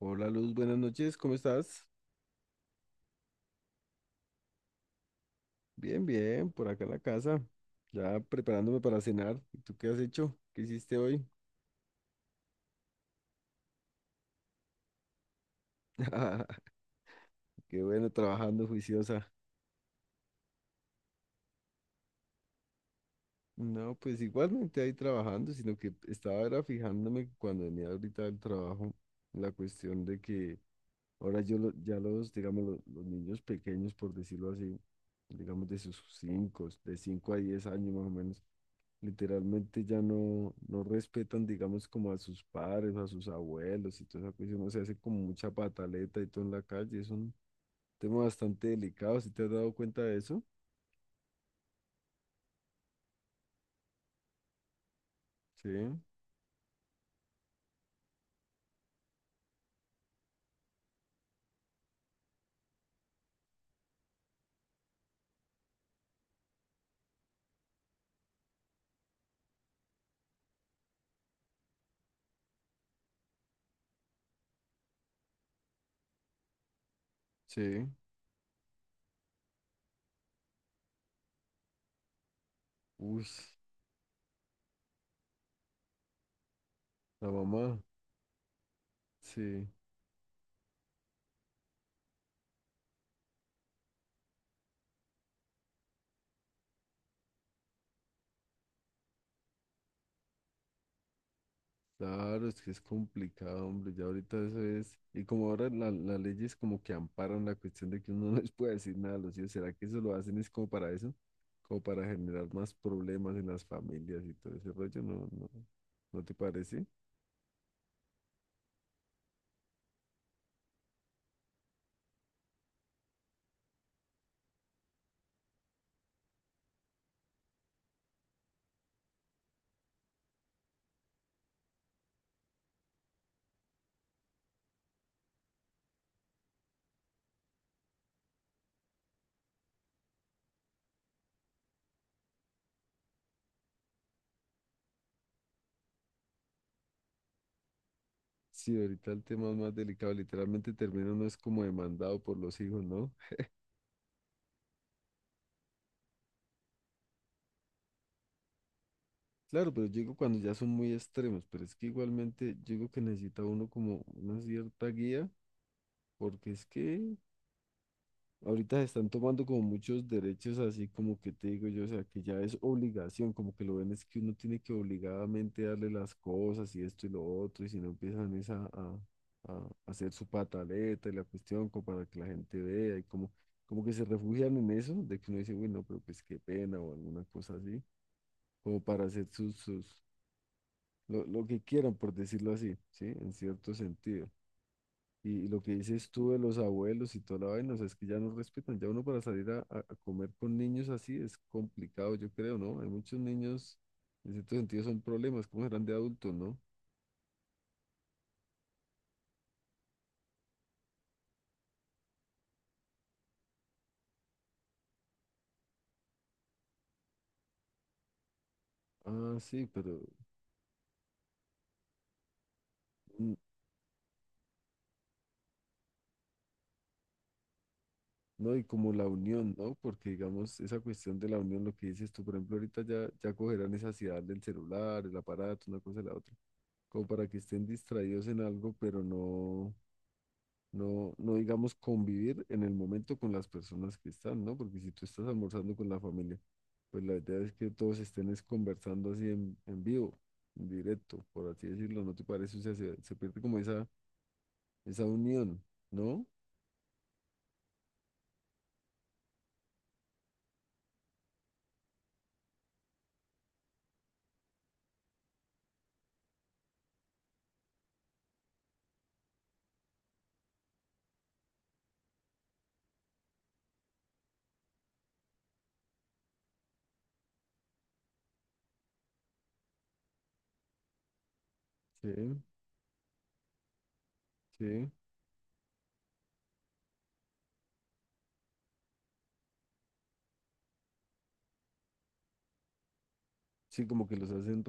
Hola Luz, buenas noches, ¿cómo estás? Bien, bien, por acá en la casa, ya preparándome para cenar. ¿Y tú qué has hecho? ¿Qué hiciste hoy? Qué bueno, trabajando juiciosa. No, pues igualmente ahí trabajando, sino que estaba era fijándome cuando venía ahorita del trabajo, la cuestión de que ahora ya los, digamos, los niños pequeños, por decirlo así, digamos de 5 a 10 años más o menos. Literalmente ya no respetan, digamos, como a sus padres, a sus abuelos y toda esa cuestión. O sea, hace como mucha pataleta y todo en la calle. Es un tema bastante delicado, ¿si te has dado cuenta de eso? Sí, sí. Uy, la mamá, sí. Claro, es que es complicado, hombre. Ya ahorita eso es. Y como ahora las leyes como que amparan la cuestión de que uno no les puede decir nada a los hijos, ¿será que eso lo hacen es como para eso? Como para generar más problemas en las familias y todo ese rollo, ¿no? ¿No te parece? Sí, ahorita el tema es más delicado. Literalmente termina no es como demandado por los hijos, ¿no? Claro, pero yo digo cuando ya son muy extremos, pero es que igualmente yo digo que necesita uno como una cierta guía, porque es que ahorita se están tomando como muchos derechos, así como que te digo yo, o sea, que ya es obligación, como que lo ven es que uno tiene que obligadamente darle las cosas y esto y lo otro, y si no empiezan es a hacer su pataleta y la cuestión como para que la gente vea y como, como que se refugian en eso, de que uno dice, bueno, pero pues qué pena o alguna cosa así, como para hacer sus lo que quieran, por decirlo así, ¿sí? En cierto sentido. Y lo que dices tú de los abuelos y toda la vaina, o sea, es que ya no respetan. Ya uno para salir a comer con niños así es complicado, yo creo, ¿no? Hay muchos niños, en cierto sentido, son problemas, como serán de adultos, ¿no? Ah, sí, pero mm, no, y como la unión, ¿no? Porque, digamos, esa cuestión de la unión, lo que dices tú, por ejemplo, ahorita ya cogerán esa ansiedad del celular, el aparato, una cosa y la otra, como para que estén distraídos en algo, pero no. no, no digamos convivir en el momento con las personas que están, ¿no? Porque si tú estás almorzando con la familia, pues la idea es que todos estén es conversando así en vivo, en directo, por así decirlo, ¿no te parece? O sea, se pierde como esa unión, ¿no? Sí, sí. Sí, como que los hacen.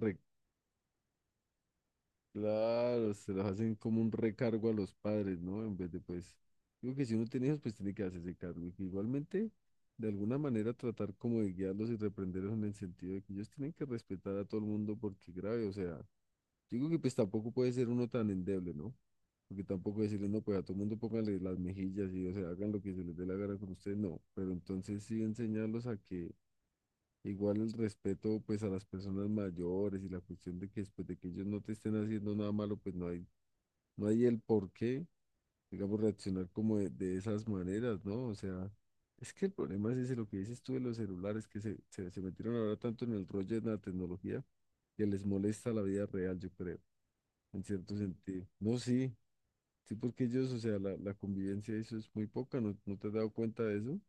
Claro, se los hacen como un recargo a los padres, ¿no? En vez de, pues, digo que si uno tiene hijos, pues tiene que hacerse cargo. Y que igualmente, de alguna manera, tratar como de guiarlos y reprenderlos en el sentido de que ellos tienen que respetar a todo el mundo porque grave, o sea, digo que pues tampoco puede ser uno tan endeble, ¿no? Porque tampoco decirle, no, pues a todo el mundo pónganle las mejillas y, o sea, hagan lo que se les dé la gana con ustedes, no. Pero entonces sí enseñarlos a que igual el respeto pues a las personas mayores y la cuestión de que después de que ellos no te estén haciendo nada malo, pues no hay el por qué, digamos, reaccionar como de esas maneras, ¿no? O sea, es que el problema es ese, lo que dices tú de los celulares, que se metieron ahora tanto en el rollo de la tecnología que les molesta la vida real, yo creo, en cierto sentido. No, sí, sí, porque ellos, o sea, la convivencia, eso es muy poca, ¿no, no te has dado cuenta de eso?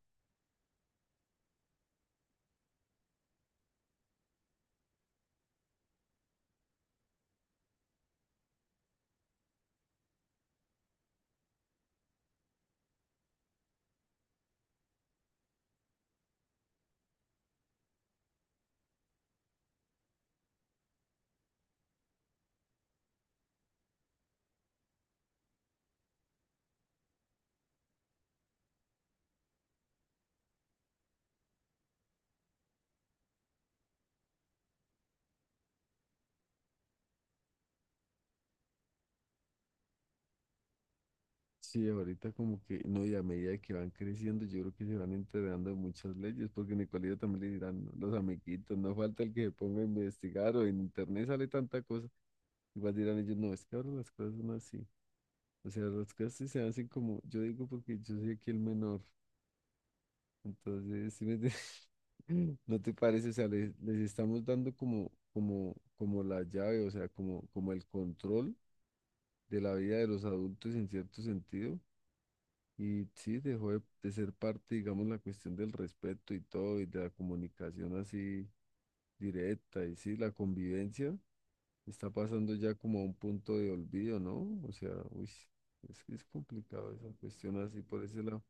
Sí, ahorita como que, no, y a medida que van creciendo, yo creo que se van enterando de muchas leyes, porque en el colegio también le dirán, ¿no?, los amiguitos, no falta el que se ponga a investigar o en internet sale tanta cosa, igual dirán ellos, no, es que ahora las cosas son así, o sea, las cosas sí se hacen como, yo digo porque yo soy aquí el menor, entonces, ¿sí me entiendes? ¿No te parece? O sea, les estamos dando como, como, como la llave, o sea, como, como el control de la vida de los adultos en cierto sentido. Y sí, dejó de ser parte, digamos, la cuestión del respeto y todo, y de la comunicación así directa, y sí, la convivencia está pasando ya como a un punto de olvido, ¿no? O sea, uy, es que es complicado esa cuestión así por ese lado.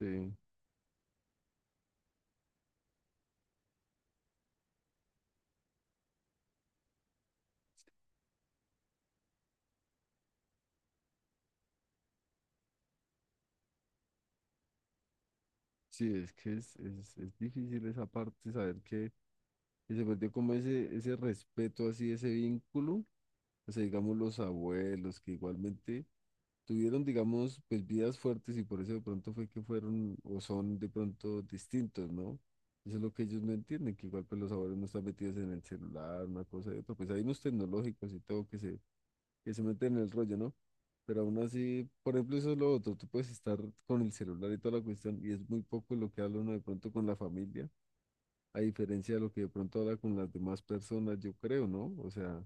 Sí, sí, es que es difícil esa parte, saber que se perdió como ese respeto así, ese vínculo, o sea, digamos, los abuelos, que igualmente tuvieron, digamos, pues vidas fuertes y por eso de pronto fue que fueron o son de pronto distintos, ¿no? Eso es lo que ellos no entienden, que igual pues los abuelos no están metidos en el celular, una cosa y otra, pues hay unos tecnológicos y todo que se meten en el rollo, ¿no? Pero aún así, por ejemplo, eso es lo otro, tú puedes estar con el celular y toda la cuestión y es muy poco lo que habla uno de pronto con la familia, a diferencia de lo que de pronto habla con las demás personas, yo creo, ¿no? O sea,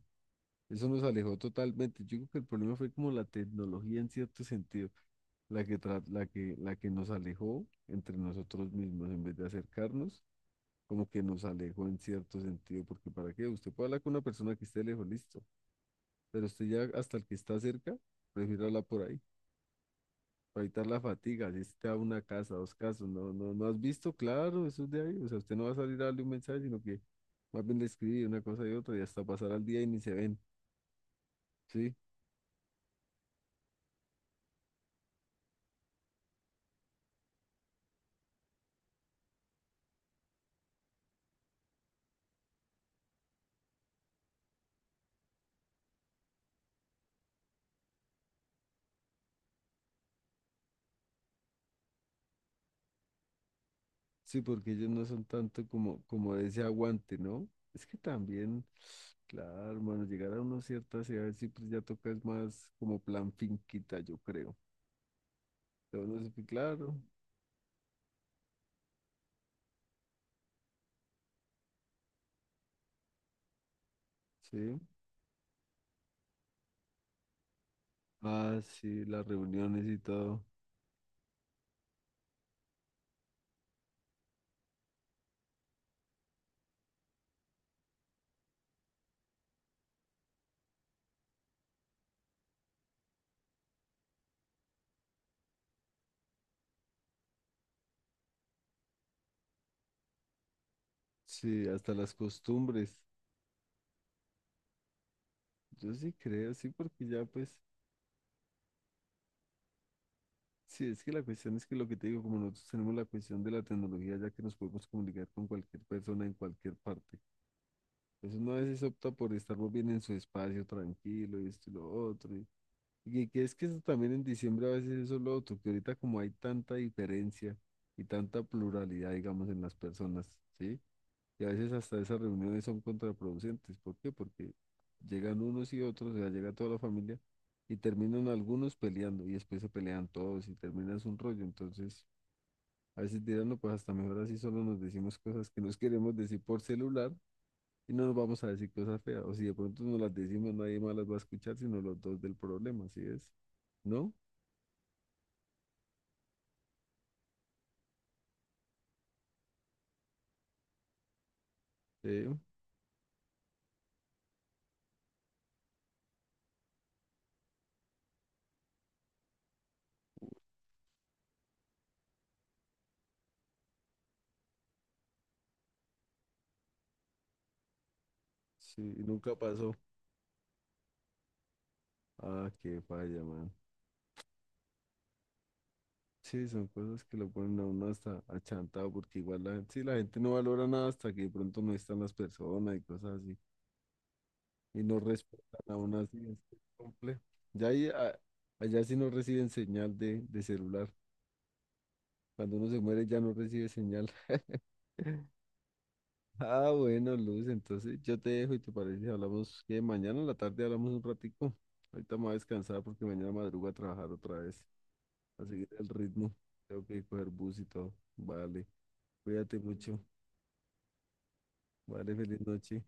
eso nos alejó totalmente. Yo creo que el problema fue como la tecnología en cierto sentido, la que, tra- la que nos alejó entre nosotros mismos en vez de acercarnos, como que nos alejó en cierto sentido, porque ¿para qué? Usted puede hablar con una persona que esté lejos, listo, pero usted ya hasta el que está cerca, prefiere hablar por ahí, para evitar la fatiga, si está a una casa, dos casas, no, no, no has visto, claro, eso es de ahí, o sea, usted no va a salir a darle un mensaje, sino que más bien le escribe una cosa y otra y hasta pasar al día y ni se ven, ¿sí? Sí, porque ellos no son tanto como, como de ese aguante, ¿no? Es que también, claro, hermano, llegar a una cierta edad sí, pues ya toca es más como plan finquita, yo creo. Pero no sé, pues, claro, sí. Ah, sí, las reuniones y todo. Sí, hasta las costumbres. Yo sí creo, sí, porque ya pues, sí, es que la cuestión es que lo que te digo, como nosotros tenemos la cuestión de la tecnología, ya que nos podemos comunicar con cualquier persona en cualquier parte. Entonces uno a veces opta por estar muy bien en su espacio, tranquilo, y esto y lo otro. Y que es que eso también en diciembre a veces eso es lo otro, que ahorita como hay tanta diferencia y tanta pluralidad, digamos, en las personas, ¿sí? Y a veces hasta esas reuniones son contraproducentes. ¿Por qué? Porque llegan unos y otros, o sea, llega toda la familia y terminan algunos peleando y después se pelean todos y terminas un rollo. Entonces, a veces dirán, no, pues hasta mejor así solo nos decimos cosas que nos queremos decir por celular y no nos vamos a decir cosas feas. O si de pronto nos las decimos, nadie más las va a escuchar, sino los dos del problema, ¿sí es? ¿No? Sí, sí, nunca pasó. Ah, qué falla, man. Sí, son cosas que lo ponen a uno hasta achantado, porque igual la, sí, la gente no valora nada hasta que de pronto no están las personas y cosas así. Y no respetan a uno así, es que es complejo. Ya ahí, allá sí no reciben señal de celular. Cuando uno se muere ya no recibe señal. Ah, bueno, Luz, entonces yo te dejo y te parece, hablamos que mañana en la tarde hablamos un ratico. Ahorita me voy a descansar porque mañana madrugo a trabajar otra vez, a seguir el ritmo. Tengo que coger bus y todo. Vale, cuídate mucho. Vale, feliz noche.